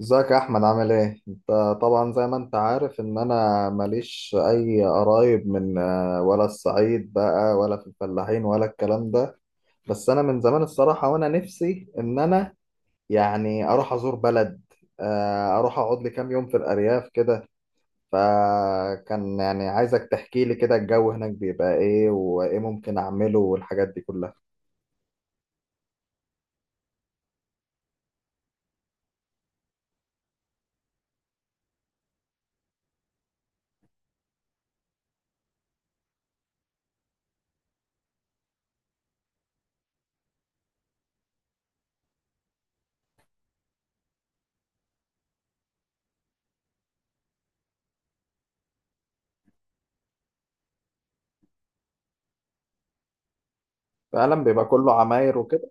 ازيك يا احمد، عامل ايه انت؟ طبعا زي ما انت عارف ان انا ماليش اي قرايب من ولا الصعيد بقى ولا في الفلاحين ولا الكلام ده. بس انا من زمان الصراحة وانا نفسي ان انا يعني اروح ازور بلد. اروح اقعد لي كام يوم في الارياف كده. فكان يعني عايزك تحكي لي كده الجو هناك بيبقى ايه وايه ممكن اعمله والحاجات دي كلها. فعلا بيبقى كله عماير وكده.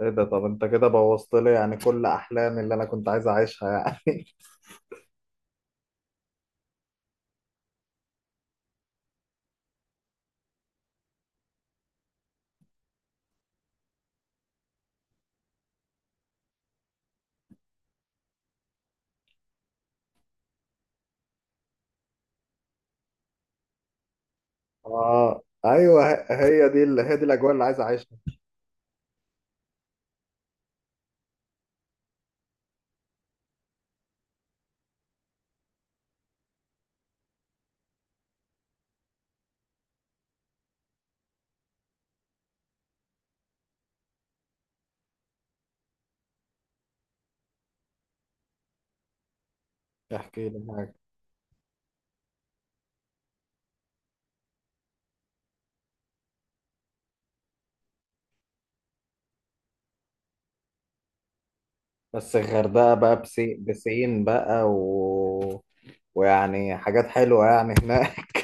ايه ده؟ طب انت كده بوظت لي يعني كل احلامي اللي انا كنت عايز اعيشها يعني. اه ايوه، هي دي الاجواء اللي عايز اعيشها. احكي لي معاك. بس الغردقه بقى بسين بقى ويعني حاجات حلوه يعني هناك.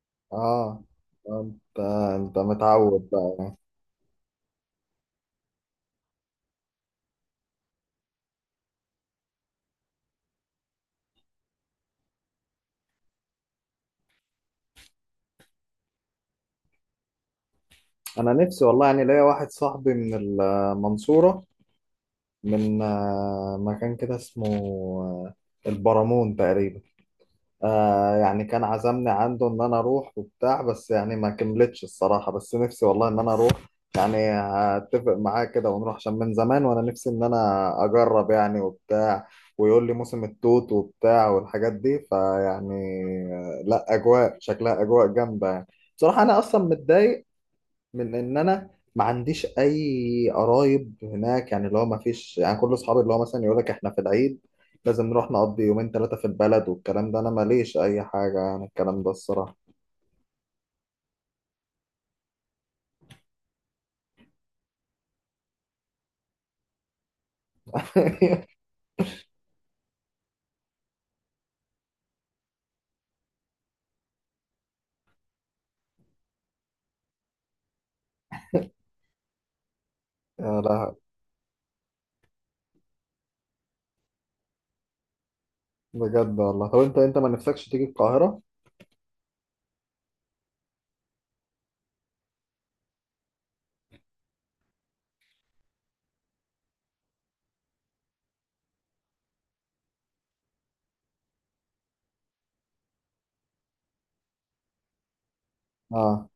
اه. انت انت متعود بقى يعني. انا نفسي والله، يعني ليا واحد صاحبي من المنصوره، من مكان كده اسمه آه، البرامون تقريبا. يعني كان عزمني عنده ان انا اروح وبتاع، بس يعني ما كملتش الصراحة، بس نفسي والله ان انا اروح. يعني هتفق معاه كده ونروح عشان من زمان وانا نفسي ان انا اجرب يعني وبتاع. ويقول لي موسم التوت وبتاع والحاجات دي فيعني لا اجواء شكلها اجواء جامدة يعني. بصراحة انا اصلا متضايق من ان انا ما عنديش اي قرايب هناك، يعني اللي هو ما فيش، يعني كل اصحابي اللي هو مثلا يقول لك احنا في العيد لازم نروح نقضي يومين ثلاثة في البلد والكلام ده. انا ماليش اي حاجة يعني الكلام ده الصراحة. يا لا. بجد والله. طب انت ما نفسكش تيجي القاهرة؟ اه.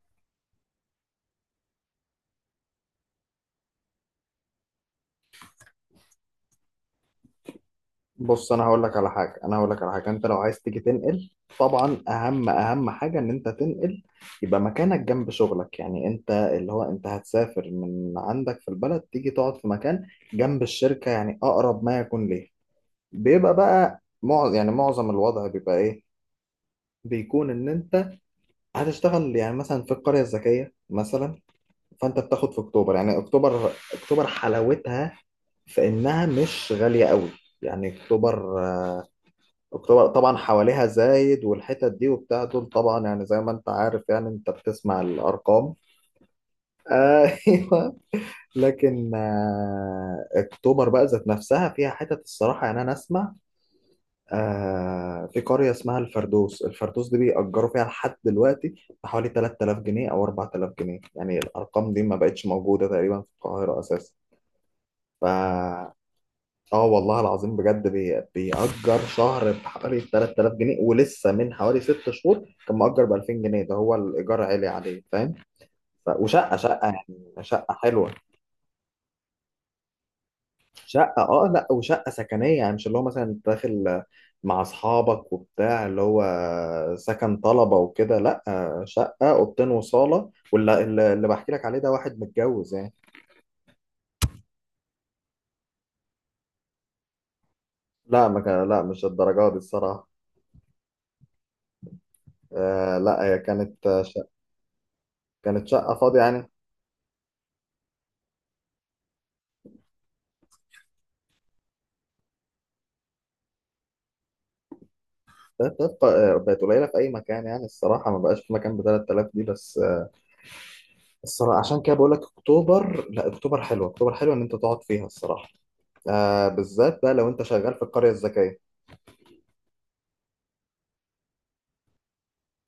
بص، انا هقول لك على حاجه، انا هقول لك على حاجه: انت لو عايز تيجي تنقل، طبعا اهم حاجه ان انت تنقل، يبقى مكانك جنب شغلك. يعني انت اللي هو انت هتسافر من عندك في البلد تيجي تقعد في مكان جنب الشركه، يعني اقرب ما يكون ليه. بيبقى بقى معظم يعني معظم الوضع بيبقى ايه؟ بيكون ان انت هتشتغل يعني مثلا في القريه الذكيه مثلا، فانت بتاخد في اكتوبر. يعني اكتوبر حلاوتها في انها مش غاليه قوي. يعني اكتوبر طبعا حواليها زايد والحتت دي وبتاع، دول طبعا يعني زي ما انت عارف يعني انت بتسمع الارقام. ايوه. لكن اكتوبر بقى ذات نفسها فيها حتت الصراحه. يعني انا اسمع في قريه اسمها الفردوس، الفردوس دي بيأجروا فيها لحد دلوقتي بحوالي 3000 جنيه او 4000 جنيه، يعني الارقام دي ما بقتش موجوده تقريبا في القاهره اساسا. ف اه والله العظيم بجد، بيأجر شهر بحوالي 3000 جنيه، ولسه من حوالي 6 شهور كان مأجر ب 2000 جنيه، ده هو الإيجار عالي عليه فاهم؟ وشقة يعني شقة حلوة. شقة اه، لا وشقة سكنية، يعني مش اللي هو مثلا انت داخل مع أصحابك وبتاع اللي هو سكن طلبة وكده، لا، شقة أوضتين وصالة. واللي اللي اللي بحكي لك عليه ده واحد متجوز يعني. لا ما كان، لا مش الدرجة دي الصراحة. آه لا هي كانت، شقة كانت شقة فاضية يعني. بقت بقت بقت قليله في اي مكان، يعني الصراحه ما بقاش في مكان ب 3000 دي. بس الصراحه عشان كده بقول لك اكتوبر، لا اكتوبر حلوه، اكتوبر حلوه ان انت تقعد فيها الصراحه، بالذات بقى لو انت شغال في القريه الذكيه.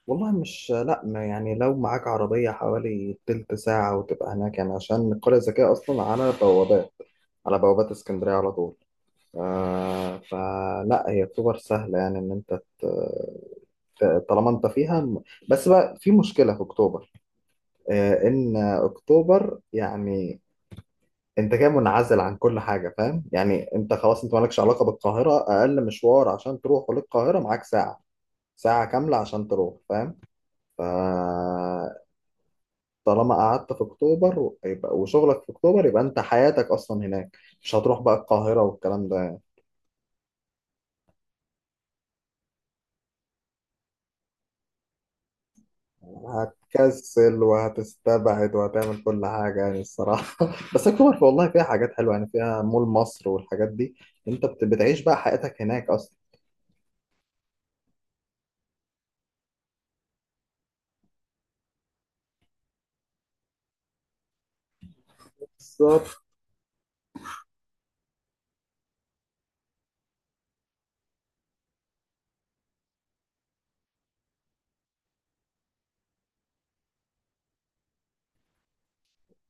والله مش لا، ما يعني لو معاك عربيه حوالي تلت ساعه وتبقى هناك، يعني عشان القريه الذكيه اصلا على بوابات اسكندريه على طول. آه، فلا هي اكتوبر سهله يعني ان انت طالما انت فيها. بس بقى في مشكله في اكتوبر، ان اكتوبر يعني انت كده منعزل عن كل حاجه فاهم؟ يعني انت خلاص انت مالكش علاقه بالقاهره، اقل مشوار عشان تروح للقاهره معاك ساعه كامله عشان تروح فاهم؟ فطالما قعدت في اكتوبر يبقى وشغلك في اكتوبر، يبقى انت حياتك اصلا هناك مش هتروح بقى القاهره والكلام ده يعني. هتكسل وهتستبعد وهتعمل كل حاجه يعني الصراحه. بس اكتوبر والله فيها حاجات حلوه، يعني فيها مول مصر والحاجات دي. انت بتعيش بقى حياتك هناك اصلا.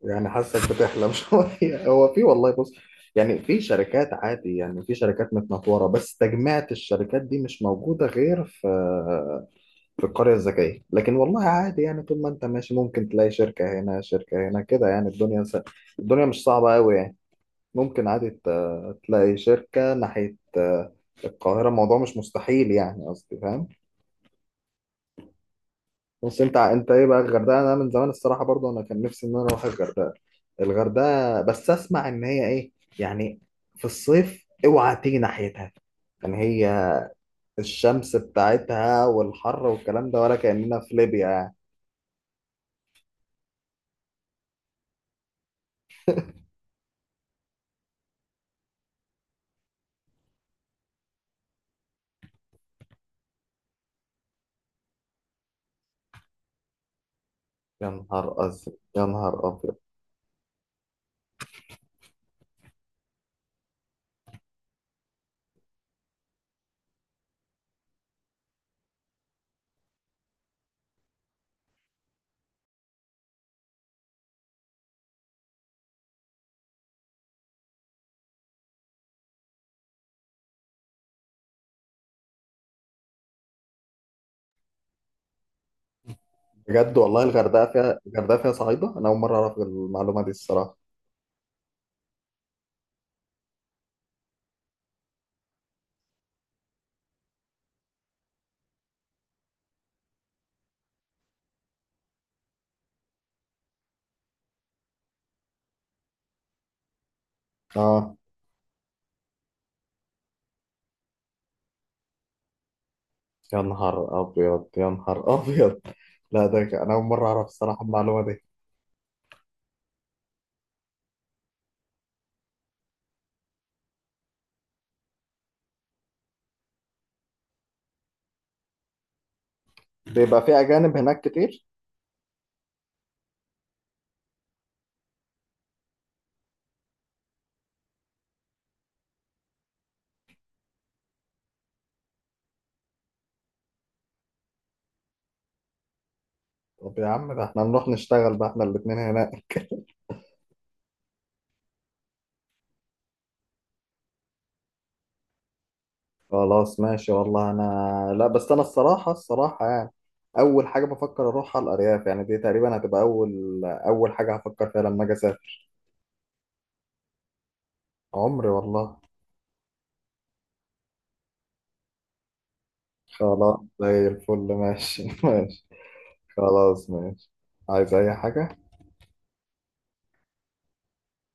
يعني حاسك بتحلم شوية. هو في والله، بص يعني في شركات عادي، يعني في شركات متنطورة، بس تجميعة الشركات دي مش موجودة غير في القرية الذكية. لكن والله عادي يعني، طول ما انت ماشي ممكن تلاقي شركة هنا شركة هنا كده، يعني الدنيا مش صعبة قوي يعني. ممكن عادي تلاقي شركة ناحية القاهرة. الموضوع مش مستحيل يعني قصدي فاهم؟ بس انت انت ايه بقى الغردقه؟ انا من زمان الصراحه برضو انا كان نفسي ان انا اروح الغردقه بس اسمع ان هي ايه، يعني في الصيف اوعى تيجي ناحيتها. يعني هي الشمس بتاعتها والحر والكلام ده، ولا كاننا في ليبيا يعني. يا نهار ازرق، يا نهار ابيض. بجد والله، الغردقه فيها صعيده. انا اول مره اعرف المعلومه دي الصراحه. اه. يا نهار ابيض، يا نهار ابيض. لا ده انا اول مره اعرف الصراحه المعلومه دي. بيبقى في اجانب هناك كتير. طب يا عم ده احنا نروح نشتغل بقى احنا الاتنين هناك. خلاص ماشي والله. انا لا، بس انا الصراحة، الصراحة يعني اول حاجة بفكر اروحها الارياف، يعني دي تقريبا هتبقى اول حاجة هفكر فيها لما اجي اسافر. عمري والله. خلاص زي الفل، ماشي ماشي. خلاص ماشي. عايز اي حاجة؟